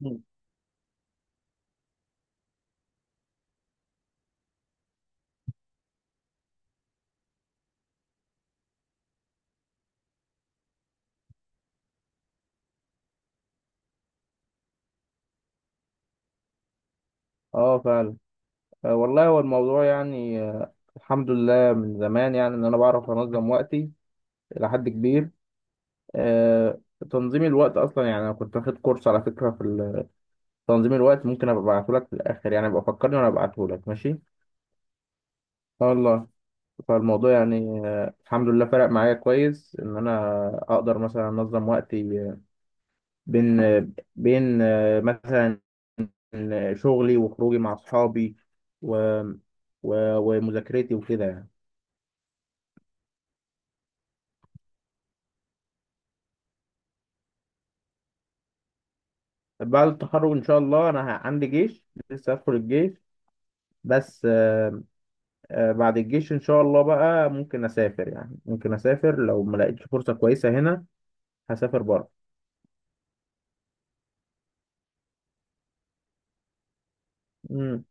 مم. اه فعلا. والله هو الموضوع يعني الحمد لله، من زمان يعني ان انا بعرف انظم وقتي الى حد كبير. آه، تنظيم الوقت اصلا، يعني انا كنت واخد كورس على فكره في تنظيم الوقت. ممكن ابقى ابعته لك في الاخر، يعني ابقى فكرني وانا ابعته لك، ماشي. آه والله. فالموضوع يعني الحمد لله فرق معايا كويس ان انا اقدر مثلا انظم وقتي، بين آه، بين مثلا شغلي وخروجي مع اصحابي و... ومذاكرتي وكده يعني. بعد التخرج ان شاء الله انا عندي جيش، لسه هدخل الجيش. بس بعد الجيش ان شاء الله بقى ممكن اسافر، يعني ممكن اسافر لو ما لقيتش فرصة كويسة هنا هسافر بره. امم.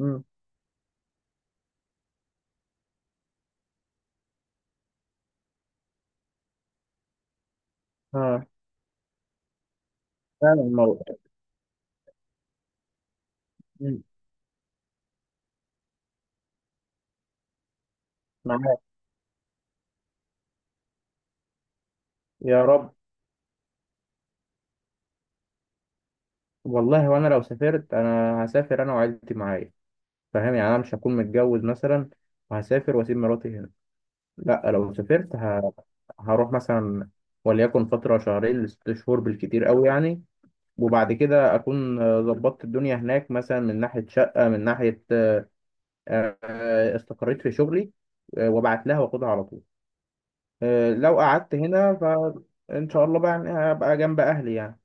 امم. اه فعلا الموضوع. مم. معاك. يا رب. والله وانا لو سافرت، انا هسافر انا وعيلتي معايا. فاهم، يعني انا مش هكون متجوز مثلا وهسافر واسيب مراتي هنا. لا، لو سافرت هروح مثلا، وليكن فترة شهرين 6 شهور بالكتير قوي يعني. وبعد كده اكون ظبطت الدنيا هناك، مثلا من ناحيه شقه، من ناحيه استقريت في شغلي، وابعت لها واخدها على طول. لو قعدت هنا فان شاء الله بقى، يعني هبقى جنب اهلي يعني.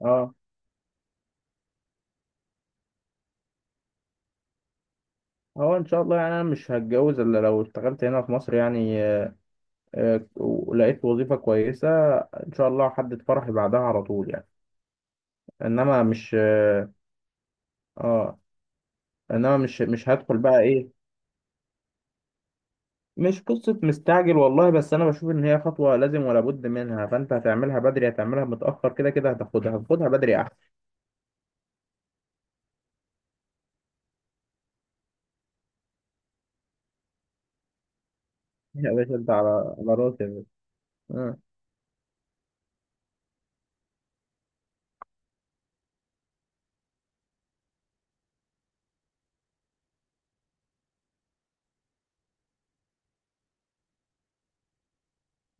اه، هو ان شاء الله يعني انا مش هتجوز الا لو اشتغلت هنا في مصر، يعني ولقيت وظيفه كويسه. ان شاء الله هحدد فرحي بعدها على طول يعني. انما مش اه. آه، انما مش هدخل بقى ايه. مش قصة مستعجل والله، بس أنا بشوف إن هي خطوة لازم ولا بد منها، فأنت هتعملها بدري هتعملها متأخر، كده كده هتاخدها بدري أحسن. يا باشا، أنت على راسي يا باشا. آه.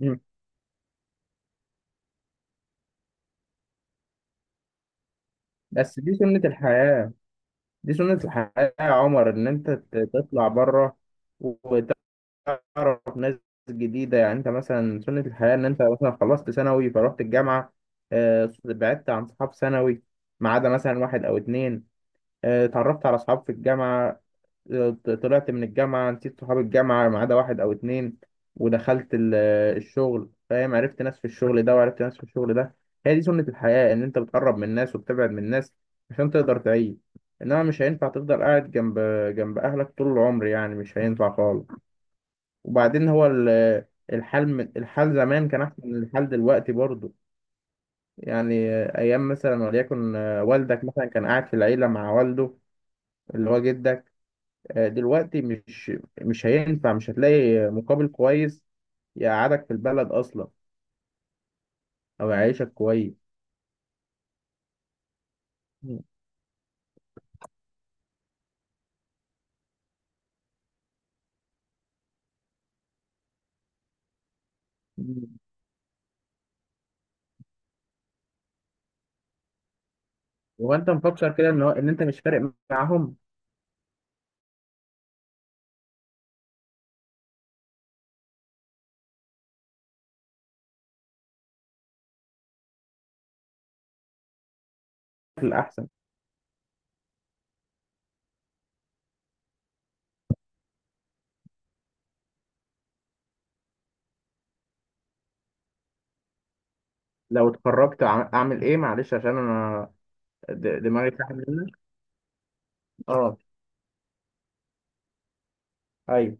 مم. بس دي سنة الحياة. دي سنة الحياة يا عمر، إن أنت تطلع بره وتعرف ناس جديدة. يعني أنت مثلا سنة الحياة، إن أنت مثلا خلصت ثانوي فرحت الجامعة. بعدت عن صحاب ثانوي ما عدا مثلا واحد أو اتنين. اتعرفت على أصحاب في الجامعة. طلعت من الجامعة، نسيت صحاب الجامعة ما عدا واحد أو اتنين. ودخلت الشغل. فاهم، عرفت ناس في الشغل ده وعرفت ناس في الشغل ده. هي دي سنة الحياة، إن أنت بتقرب من الناس وبتبعد من الناس عشان تقدر تعيش. إنما مش هينفع تفضل قاعد جنب أهلك طول العمر، يعني مش هينفع خالص. وبعدين هو الحال زمان كان أحسن من الحال دلوقتي برضه يعني. أيام مثلا وليكن والدك مثلا كان قاعد في العيلة مع والده اللي هو جدك. دلوقتي مش هينفع، مش هتلاقي مقابل كويس يقعدك في البلد اصلا او يعيشك كويس. مم. هو انت مفكر كده ان هو ان انت مش فارق معاهم؟ في الاحسن. لو اتخرجت اعمل ايه؟ معلش عشان انا دماغي ساحب منك. اه ايوه.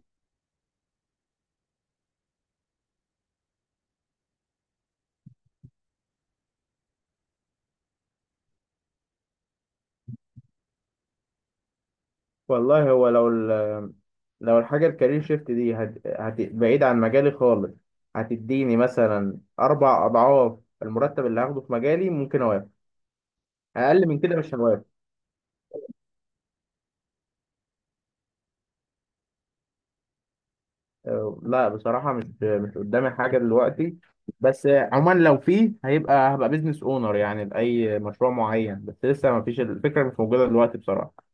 والله هو لو لو الحاجه الكارير شيفت دي بعيد عن مجالي خالص، هتديني مثلا اربع اضعاف المرتب اللي هاخده في مجالي ممكن اوافق. اقل من كده مش هوافق. لا، بصراحة مش قدامي حاجة دلوقتي. بس عموما لو في، هيبقى هبقى بيزنس اونر يعني لأي مشروع معين، بس لسه ما فيش، الفكرة مش موجودة دلوقتي بصراحة.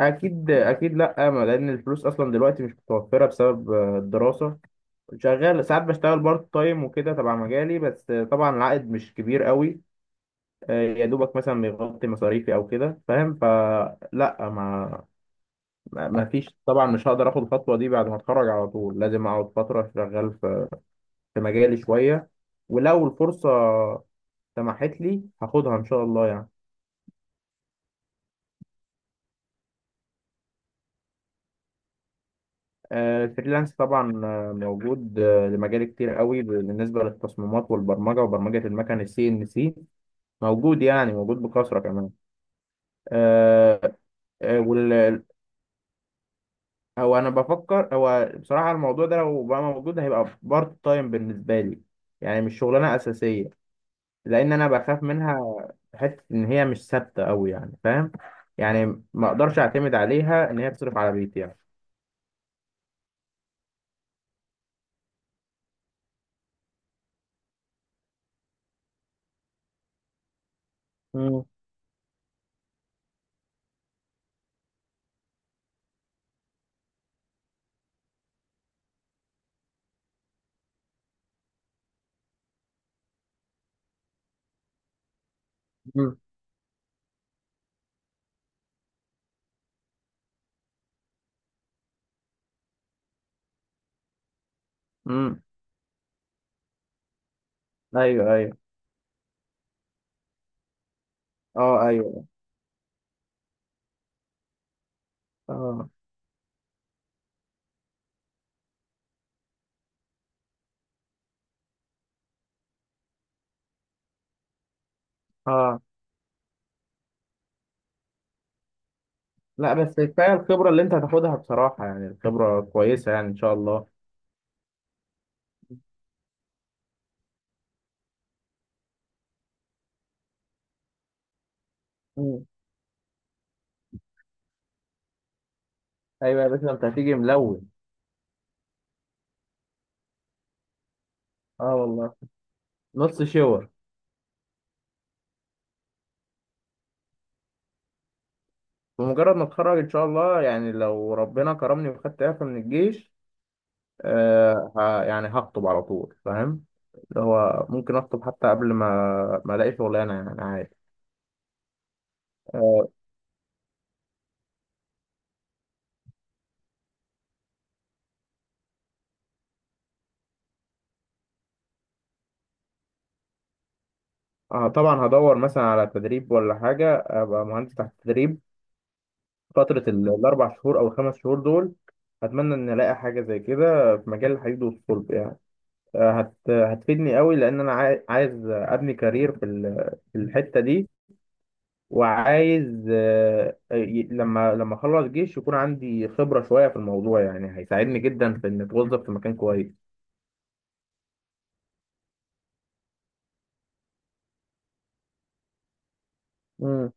أكيد أكيد، لأ، ما لأن الفلوس أصلا دلوقتي مش متوفرة بسبب الدراسة. شغال ساعات بشتغل بارت تايم وكده تبع مجالي، بس طبعا العائد مش كبير قوي، يا دوبك مثلا بيغطي مصاريفي أو كده، فاهم. فلا، ما فيش طبعا، مش هقدر اخد الخطوه دي بعد ما اتخرج على طول، لازم اقعد فتره شغال في مجالي شوية. ولو الفرصة سمحت لي هاخدها إن شاء الله يعني. الفريلانس طبعا موجود لمجال كتير قوي بالنسبة للتصميمات والبرمجة وبرمجة المكن السي إن سي. موجود يعني موجود بكثرة كمان. آه، آه، وال أو أنا بفكر. هو بصراحة الموضوع ده لو بقى موجود هيبقى بارت تايم بالنسبة لي، يعني مش شغلانة أساسية، لان انا بخاف منها. حته ان هي مش ثابته قوي يعني، فاهم، يعني ما اقدرش اعتمد عليها ان هي تصرف على بيتي يعني. مم. مم. امم. ايوه ايوه. اه ايوه. اه اه. لا. بس كفايه الخبره اللي انت هتاخدها بصراحه، يعني الخبره كويسه يعني ان شاء الله. مم. ايوه يا باشا، انت هتيجي ملون. اه والله. نص شاور. بمجرد ما اتخرج ان شاء الله، يعني لو ربنا كرمني وخدت اعفاء من الجيش، يعني هخطب على طول، فاهم. اللي هو ممكن اخطب حتى قبل ما الاقي شغلانه يعني، يعني عادي. آه، طبعا هدور مثلا على تدريب ولا حاجه، ابقى مهندس تحت تدريب فتره الاربع شهور او الخمس شهور دول. اتمنى ان الاقي حاجه زي كده في مجال الحديد والصلب يعني، آه، هت هتفيدني قوي لان انا عايز ابني كارير في في الحته دي. وعايز لما اخلص جيش يكون عندي خبرة شوية في الموضوع يعني هيساعدني جدا في ان اتوظف في مكان كويس. امم.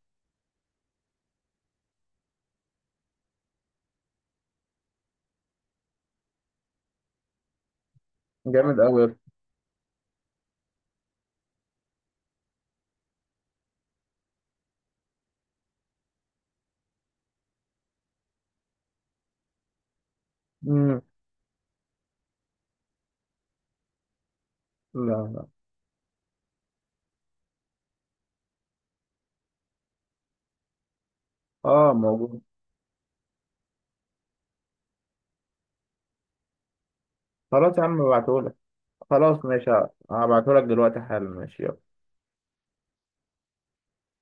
جامد قوي. امم. لا. اه موجود. خلاص يا عم، ابعتهولك. خلاص ماشي. هبعتهولك دلوقتي حالا، ماشي، يلا.